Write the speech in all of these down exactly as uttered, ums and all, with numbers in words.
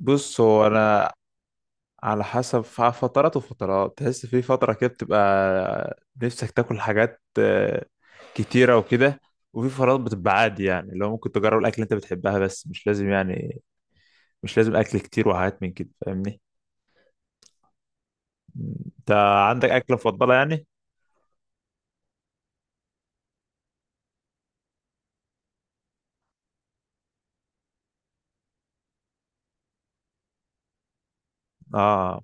بص هو انا على حسب ف- فترات وفترات. تحس في فتره كده بتبقى نفسك تاكل حاجات آه، كتيره وكده. وفي فترات بتبقى عادي، يعني اللي هو ممكن تجرب الاكل اللي انت بتحبها بس مش لازم، يعني مش لازم اكل كتير وحاجات من كده. فاهمني؟ انت عندك اكله مفضله يعني؟ اه،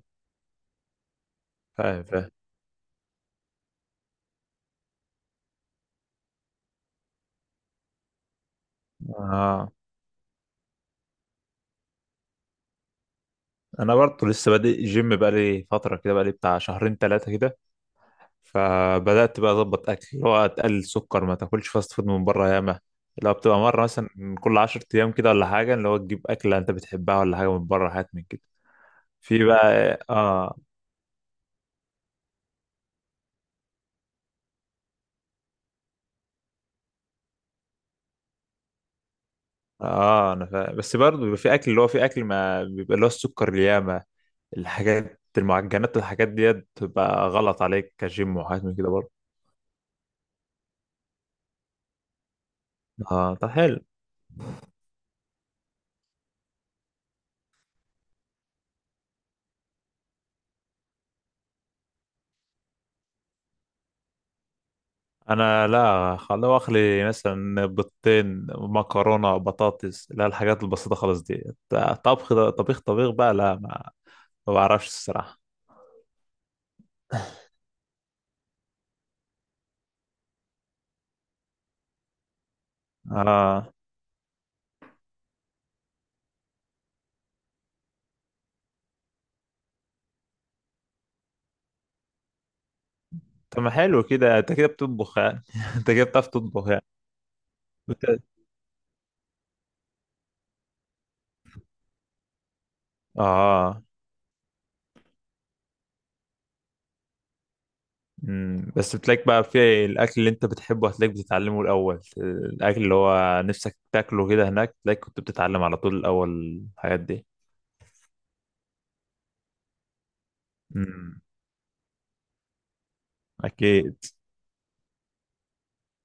فاهم فاهم. اه، انا برضه لسه بادئ الجيم بقالي فتره كده، بقالي بتاع شهرين ثلاثه كده. فبدات بقى اظبط اكل، اللي هو تقلل سكر، ما تاكلش فاست فود من بره، ياما لو بتبقى مره مثلا كل عشر ايام كده ولا حاجه، اللي هو تجيب اكله انت بتحبها ولا حاجه من بره حاجات من كده. في بقى اه. اه، انا فا... بس برضه بيبقى في اكل، اللي هو في اكل ما بيبقى اللي هو السكر ياما الحاجات المعجنات والحاجات ديت بتبقى غلط عليك كجيم وحاجات من كده برضه. اه طب حلو. انا لا، خلوه اخلي مثلا بيضتين مكرونه بطاطس، لا الحاجات البسيطه خالص دي. طبخ ده- طبيخ طبيخ بقى لا، ما ما بعرفش الصراحه. اه طب ما حلو كده، انت كده بتطبخ يعني. انت كده بتعرف تطبخ يعني. بت... اه. أمم، بس بتلاقيك بقى في الاكل اللي انت بتحبه هتلاقيك بتتعلمه الاول، الاكل اللي هو نفسك تاكله كده هناك تلاقيك كنت بتتعلم على طول الاول الحاجات دي. امم. اكيد.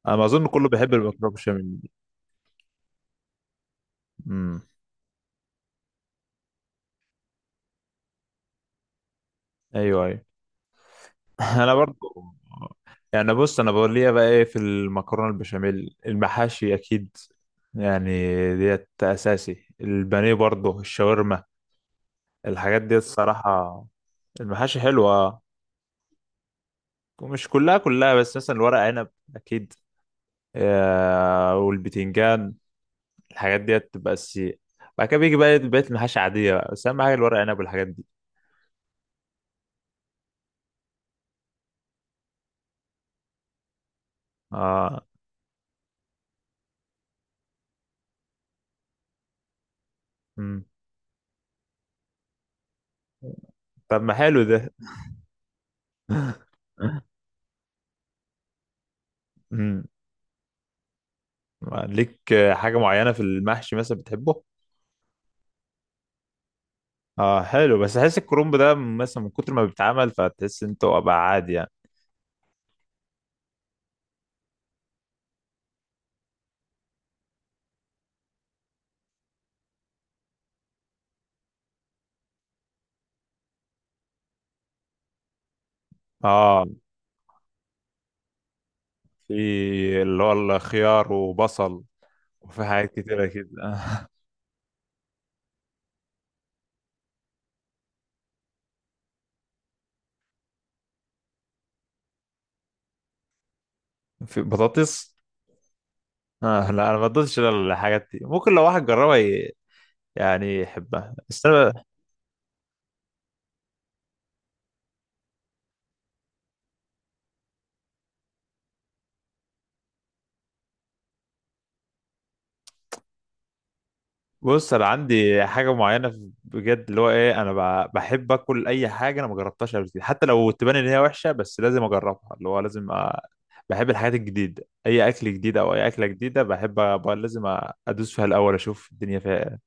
انا اظن كله بيحب المكرونه بشاميل دي. امم. ايوه ايوه. انا برضو يعني. بص انا بقول ليها بقى ايه، في المكرونه البشاميل المحاشي اكيد يعني، ديت اساسي، البانيه برضو، الشاورما الحاجات ديت الصراحه. المحاشي حلوه آه. ومش كلها كلها، بس مثلا الورق عنب اكيد، آه، والبتنجان الحاجات ديت تبقى اساسيه. بعد كده بيجي بقى إيه، بقيه المحاشي عاديه بقى، بس اهم حاجه الورق عنب والحاجات دي. اه. أمم. طب ما حلو ده. أمم. ليك حاجة معينة في المحشي مثلا بتحبه؟ اه حلو، بس احس الكرنب ده مثلا من كتر ما بيتعمل فتحس انت هو بقى عادي يعني. اه، في اللي هو الخيار وبصل، وفي حاجات كتيرة كده. آه. في بطاطس. اه لا، انا ما بدوتش الحاجات دي، ممكن لو واحد جربها ي- يعني يحبها، بس انا بص، انا عندي حاجه معينه في- بجد، اللي هو ايه، انا ب- بحب اكل اي حاجه انا ما جربتهاش قبل كده، حتى لو تبان ان هي وحشه بس لازم اجربها، اللي هو لازم أ... بحب الحاجات الجديده، اي اكل جديد او اي اكله جديده بحب أ... ب- لازم أ- ادوس فيها الاول اشوف الدنيا فيها إيه.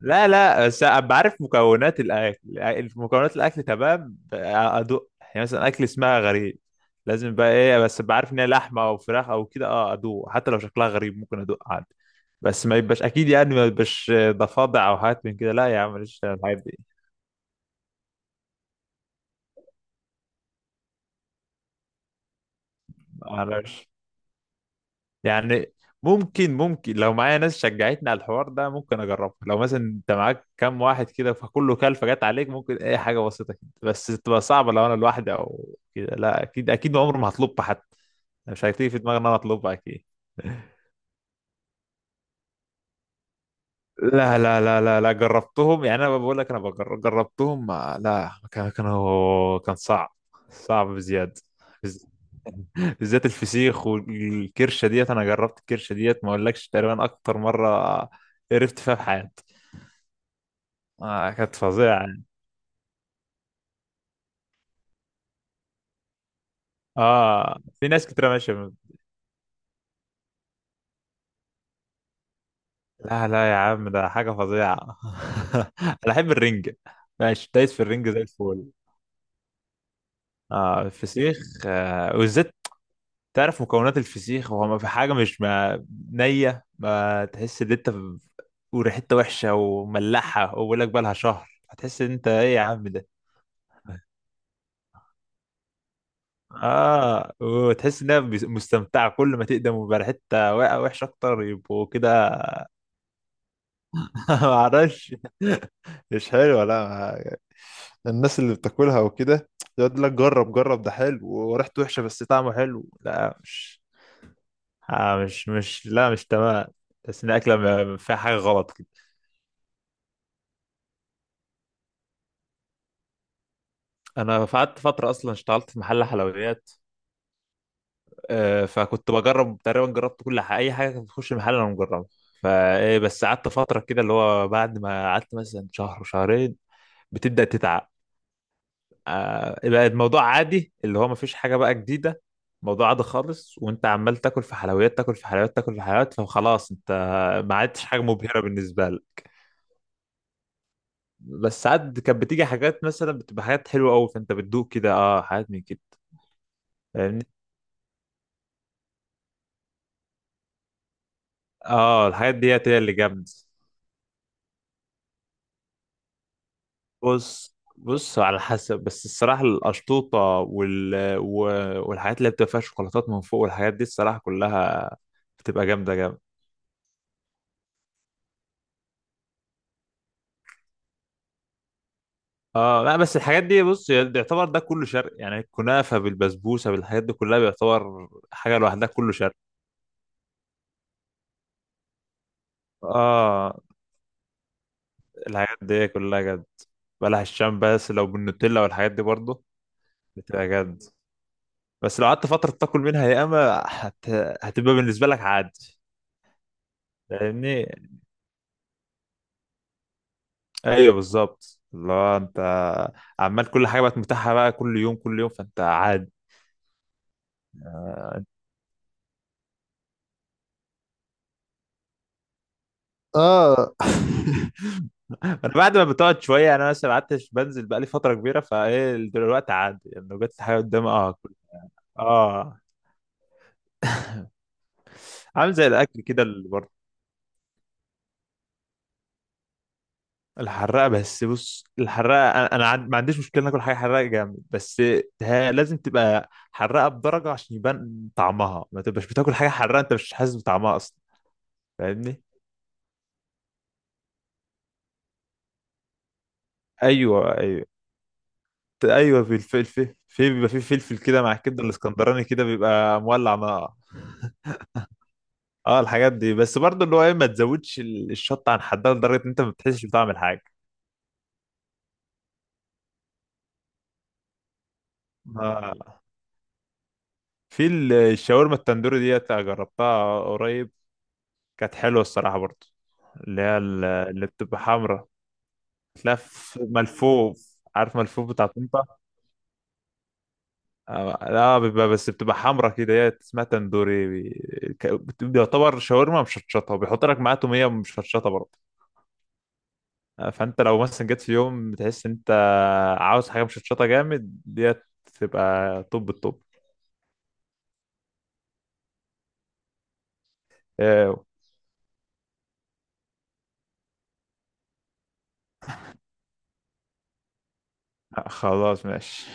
لا لا، بس ابقى عارف مكونات الاكل، مكونات الاكل تمام ادوق، يعني مثلا اكل اسمها غريب لازم بقى ايه، بس ابقى عارف ان هي لحمه او فراخ او كده، اه ادوق حتى لو شكلها غريب ممكن ادوق عادي، بس ما يبقاش اكيد، يعني ما يبقاش ضفادع او حاجات من كده، لا يا عم ماليش في الحاجات دي. معرفش يعني. ممكن ممكن لو معايا ناس شجعتني على الحوار ده ممكن اجربه، لو مثلا انت معاك كام واحد كده فكله كلفه جت عليك، ممكن اي حاجه بسيطه كده بس تبقى صعبه، لو انا لوحدي او كده لا، اكيد اكيد عمري ما هطلبها، حتى مش هتيجي في دماغي ان انا اطلبها اكيد. لا لا لا لا لا، جربتهم يعني، انا بقول لك انا بجر- جربتهم، ما- لا كان، كان هو- كان صعب، صعب بزياده. بز- بالذات الفسيخ والكرشه ديت، انا جربت الكرشه ديت ما اقولكش تقريبا اكتر مره قرفت فيها في حياتي. آه كانت فظيعه يعني. اه في ناس كتير ماشيه ب- لا لا يا عم، ده حاجه فظيعه. انا احب الرنجه، ماشي دايس في الرنجه زي الفل. اه الفسيخ، آه وبالذات تعرف مكونات الفسيخ، هو ما في حاجة مش ما نية ما تحس ان انت ب- وريحتها وحشة وملحة، وبقول لك بقالها شهر هتحس ان انت ايه يا عم ده. اه وتحس انها بس- مستمتعة كل ما تقدم ويبقى ريحتها وا- وحشة اكتر يبقوا كده. معرفش. مش حلوه، لا ما- الناس اللي بتاكلها وكده يقعد لك جرب جرب ده حلو وريحته وحشه بس طعمه حلو، لا مش، آه مش مش لا مش تمام. بس ان الاكلة ما- فيها حاجة غلط. انا قعدت فتره اصلا اشتغلت في محل حلويات، آه، فكنت بجرب تقريبا، جربت كل حاجه اي حاجه كانت بتخش المحل انا مجربها. فايه بس قعدت فتره كده، اللي هو بعد ما قعدت مثلا شهر وشهرين بتبدا تتعب. آه، بقى الموضوع عادي، اللي هو مفيش حاجه بقى جديده، الموضوع عادي خالص، وانت عمال تاكل في حلويات تاكل في حلويات تاكل في حلويات، فخلاص انت ما عادش حاجه مبهره بالنسبه لك. بس ساعات كانت بتيجي حاجات مثلا بتبقى حاجات حلوه قوي فانت بتدوق كده، اه حاجات من كده. فاهمني؟ اه الحاجات ديت هي اللي جامدة. بص بص على حسب، بس الصراحة القشطوطة وال... و... والحاجات اللي بتبقى فيها شوكولاتات من فوق والحاجات دي الصراحة كلها بتبقى جامدة جامدة. اه لا، بس الحاجات دي بص يعتبر ده كله شرق، يعني الكنافة بالبسبوسة بالحاجات دي كلها بيعتبر حاجة لوحدها كله شرق. اه الحاجات دي كلها جد. بلح الشام بس لو بالنوتيلا والحاجات دي برضه بتبقى جد، بس لو قعدت فترة تاكل منها يا اما هت... هتبقى بالنسبة لك عادي. فاهمني؟ ايوه بالظبط، اللي هو انت عمال كل حاجه بقت متاحه بقى، كل يوم كل يوم فانت عادي. اه. انا بعد ما بتقعد شويه، انا مثلا قعدت بنزل بقى لي فتره كبيره، فايه دلوقتي عادي، يعني لو جت حاجه قدامي اه هاكل. اه، عامل زي الاكل كده اللي برضه. الحراقه بس، بص الحراقه انا، انا عن- ما عنديش مشكله ناكل حاجه حراقه جامد، بس ها- لازم تبقى حراقه بدرجه عشان يبان طعمها، ما تبقاش بتاكل حاجه حراقه انت مش حاسس بطعمها اصلا. فاهمني؟ ايوه ايوه. ايوه بالفلفل، في بيبقى في فلفل كده مع الكبده الاسكندراني كده بيبقى مولع نار. اه الحاجات دي، بس برضه اللي هو ايه، ما تزودش ال- الشطه عن حدها لدرجه ان انت ما بتحسش بطعم الحاجه. آه. في ال- الشاورما التندوري ديت جربتها قريب، كانت حلوه الصراحه برضه، اللي هي ال- اللي بتبقى حمرا، تلف ملفوف، عارف ملفوف بتاع طنطا. آه، لا بيبقى، بس بتبقى حمرا كده، هي اسمها تندوري بي- ك- بت- بيعتبر شاورما مشطشطه، وبيحط لك معاه توميه مشطشطه برضه. فانت لو مثلا جيت في يوم بتحس ان انت عاوز حاجه مشطشطه جامد ديت تبقى طب الطب. آه، خلاص ماشي.